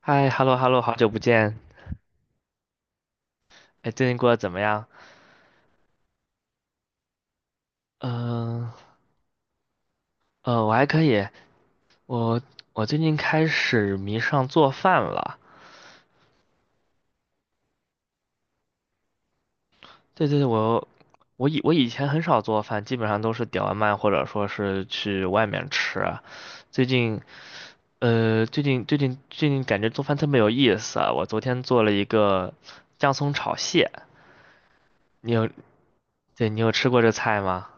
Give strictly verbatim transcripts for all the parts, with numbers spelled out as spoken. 嗨，hello hello，好久不见，哎，最近过得怎么样？嗯、呃，我还可以，我我最近开始迷上做饭了。对对对，我我以我以前很少做饭，基本上都是点外卖或者说是去外面吃。最近呃，最近最近最近感觉做饭特别有意思啊。我昨天做了一个姜葱炒蟹，你有，对，你有吃过这菜吗？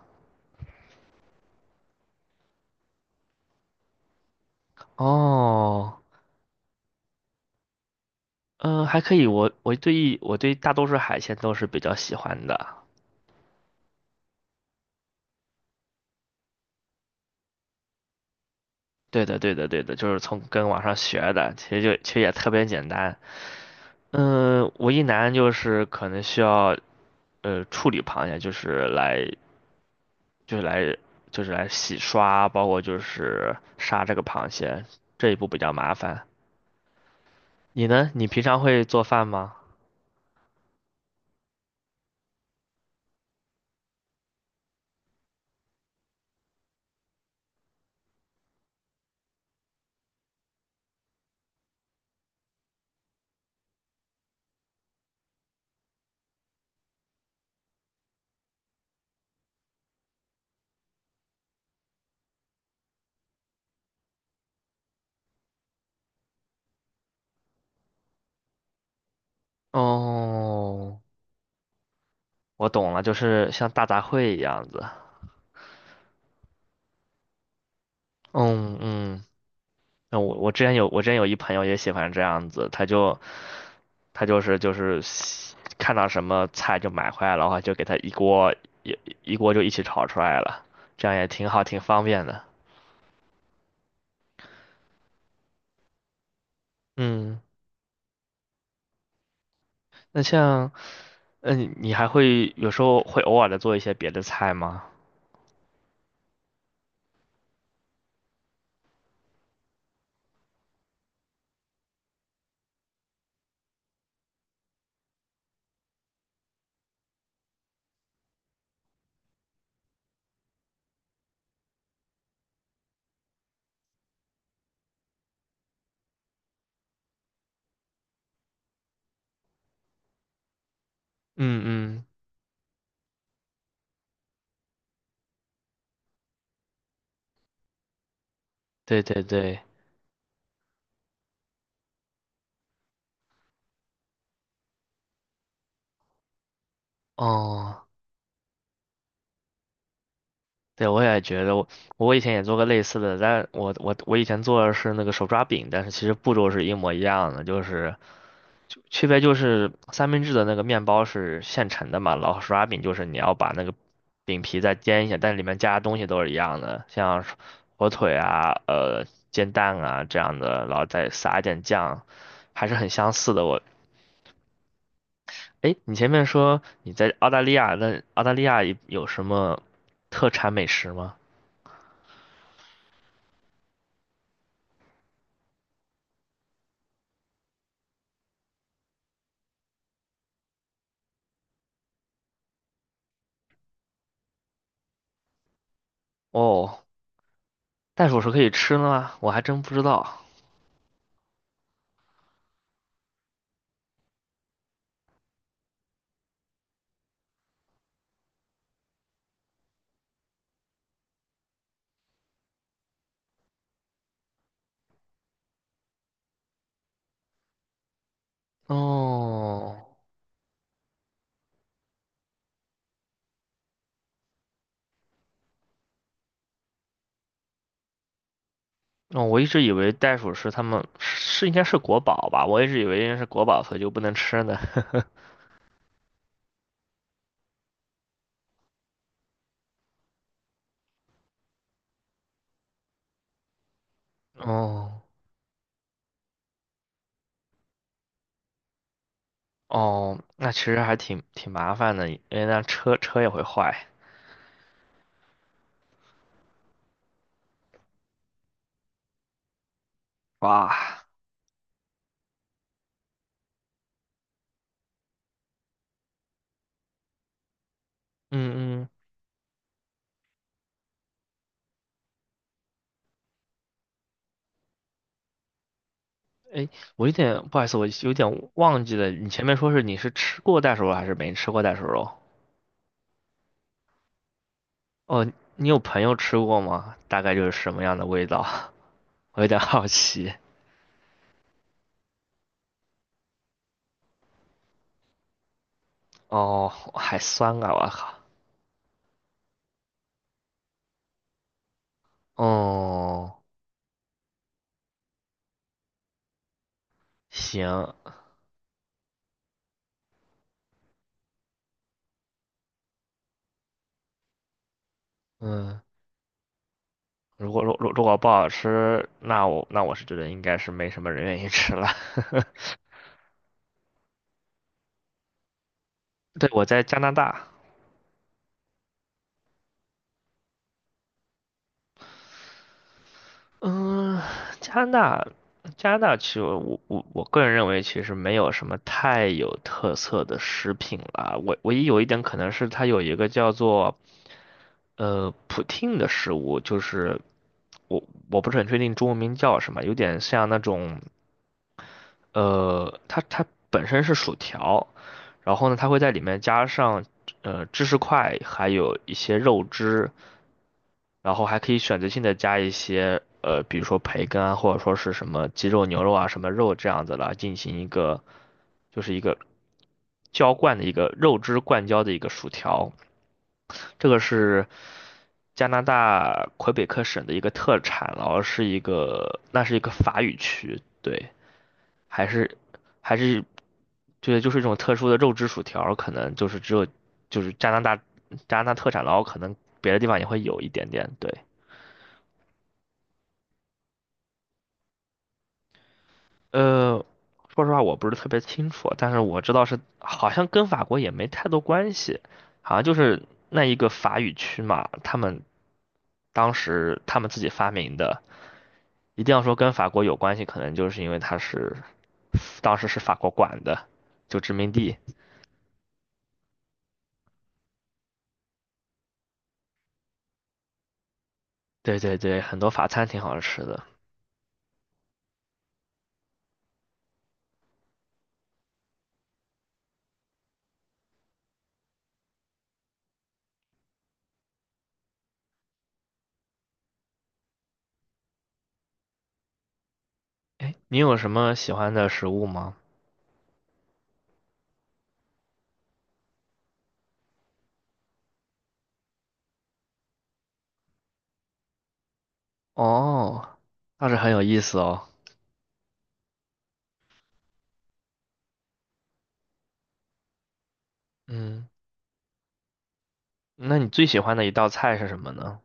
哦。嗯，还可以。我我对我对大多数海鲜都是比较喜欢的。对的，对的，对的，就是从跟网上学的，其实就其实也特别简单。嗯，唯一难就是可能需要呃处理螃蟹，就是来就是来就是来洗刷，包括就是杀这个螃蟹这一步比较麻烦。你呢？你平常会做饭吗？哦，我懂了，就是像大杂烩一样子。嗯嗯。那我我之前有我之前有一朋友也喜欢这样子，他就他就是就是喜看到什么菜就买回来的话，就给他一锅一一锅就一起炒出来了，这样也挺好，挺方便的。嗯，那像嗯、你你还会有时候会偶尔的做一些别的菜吗？嗯嗯，对对对，哦，对我也觉得我我以前也做过类似的，但我我我以前做的是那个手抓饼，但是其实步骤是一模一样的，就是。就区别就是三明治的那个面包是现成的嘛，老手抓饼就是你要把那个饼皮再煎一下，但里面加的东西都是一样的，像是火腿啊、呃煎蛋啊这样的，然后再撒一点酱，还是很相似的。我，诶，你前面说你在澳大利亚，那澳大利亚有有什么特产美食吗？哦，袋鼠是可以吃的吗？我还真不知道。哦。哦，我一直以为袋鼠是他们是应该是国宝吧，我一直以为应该是国宝，所以就不能吃呢。哦哦，那其实还挺挺麻烦的，因为那车车也会坏。哇，嗯嗯，我有点不好意思，我有点忘记了，你前面说是你是吃过袋鼠肉还是没吃过袋鼠肉？哦，你有朋友吃过吗？大概就是什么样的味道？我有点好奇。哦，还酸啊，我靠。哦，行，嗯。如果如如如果不好吃，那我那我是觉得应该是没什么人愿意吃了。对，我在加拿大，嗯，加拿大，加拿大其实我我我我个人认为其实没有什么太有特色的食品了。唯唯一有一点可能是它有一个叫做呃普汀的食物，就是我我不是很确定中文名叫什么，有点像那种呃它它本身是薯条，然后呢，它会在里面加上呃芝士块，还有一些肉汁，然后还可以选择性的加一些呃，比如说培根啊，或者说是什么鸡肉、牛肉啊，什么肉这样子来进行一个就是一个浇灌的一个肉汁灌浇的一个薯条。这个是加拿大魁北克省的一个特产，然后是一个那是一个法语区，对，还是还是对，就是一种特殊的肉质薯条，可能就是只有就是加拿大加拿大特产，然后可能别的地方也会有一点点。对，呃，说实话我不是特别清楚，但是我知道是好像跟法国也没太多关系，好像就是那一个法语区嘛，他们当时他们自己发明的，一定要说跟法国有关系，可能就是因为它是当时是法国管的，就殖民地。对对对，很多法餐挺好吃的。哎，你有什么喜欢的食物吗？哦，倒是很有意思哦。嗯，那你最喜欢的一道菜是什么呢？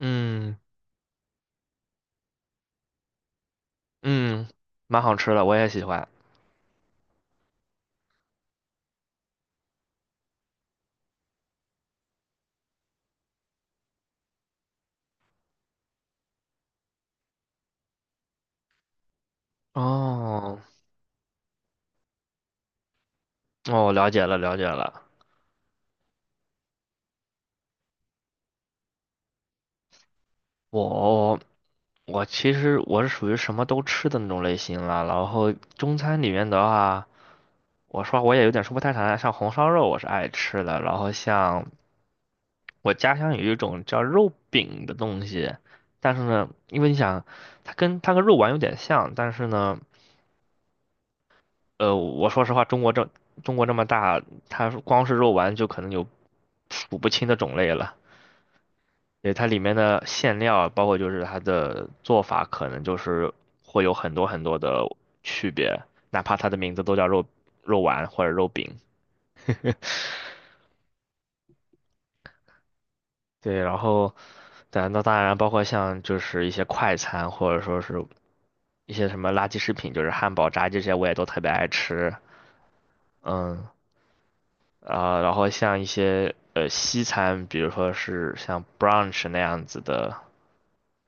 嗯嗯，蛮好吃的，我也喜欢。哦哦，了解了了解了。我我其实我是属于什么都吃的那种类型了。然后中餐里面的话，我说我也有点说不太上来，像红烧肉我是爱吃的。然后像我家乡有一种叫肉饼的东西，但是呢，因为你想，它跟它跟肉丸有点像，但是呢。呃，我说实话，中国这中国这么大，它光是肉丸就可能有数不清的种类了。对，它里面的馅料，包括就是它的做法，可能就是会有很多很多的区别，哪怕它的名字都叫肉肉丸或者肉饼。对，然后，但那当然包括像就是一些快餐，或者说是一些什么垃圾食品，就是汉堡、炸鸡这些，我也都特别爱吃。嗯，啊、然后像一些呃西餐，比如说是像 brunch 那样子的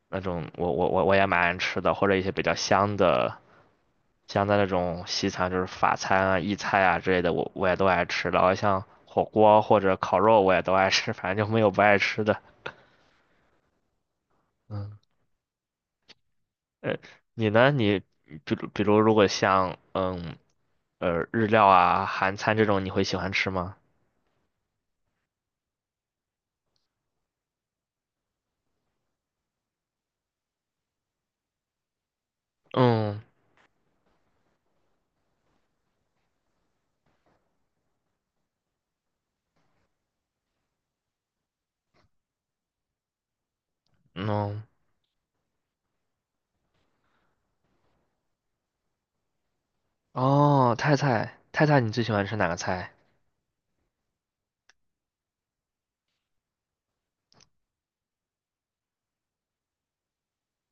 那种，我我我我也蛮爱吃的，或者一些比较香的香的那种西餐，就是法餐啊、意菜啊之类的，我我也都爱吃。然后像火锅或者烤肉，我也都爱吃，反正就没有不爱吃的。嗯，呃，你呢？你比如比如如果像嗯呃日料啊、韩餐这种，你会喜欢吃吗？嗯嗯哦，泰菜泰菜，你最喜欢吃哪个菜？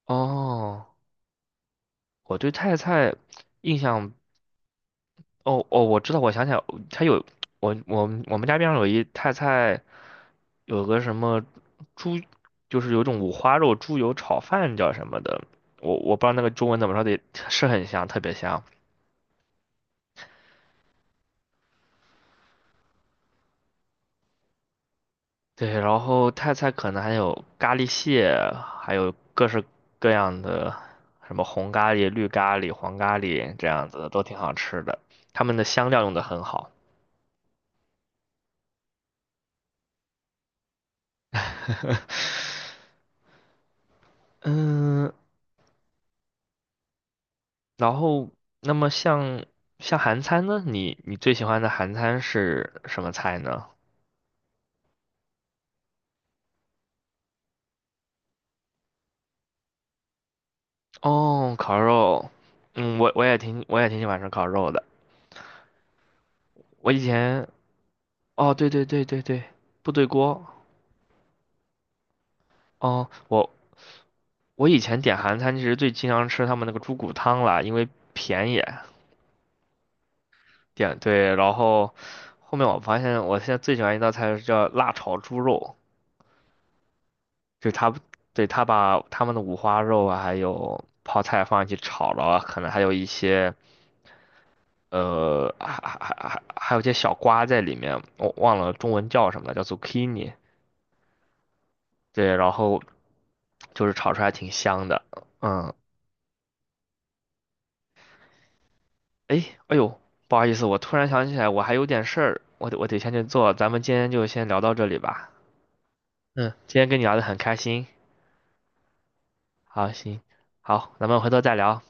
哦，我对泰菜印象，哦哦，我知道，我想起来，它有我我们我们家边上有一泰菜，有个什么猪，就是有一种五花肉猪油炒饭叫什么的，我我不知道那个中文怎么说的，是很香，特别香。对，然后泰菜可能还有咖喱蟹，还有各式各样的什么红咖喱、绿咖喱、黄咖喱这样子的，都挺好吃的。他们的香料用的很好。嗯，然后那么像像韩餐呢，你你最喜欢的韩餐是什么菜呢？哦，烤肉，嗯，我我也挺我也挺喜欢吃烤肉的。我以前哦，对对对对对，部队锅。哦，我我以前点韩餐其实最经常吃他们那个猪骨汤啦，因为便宜。点对，然后后面我发现我现在最喜欢一道菜是叫辣炒猪肉。就他对他把他们的五花肉啊，还有泡菜放进去炒了啊可能还有一些呃，还还还还还有一些小瓜在里面，我忘了中文叫什么了，叫 zucchini。对，然后就是炒出来挺香的。嗯，哎，哎呦，不好意思，我突然想起来，我还有点事儿，我得我得先去做，咱们今天就先聊到这里吧。嗯，今天跟你聊的很开心。好，行，好，咱们回头再聊。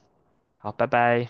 好，拜拜。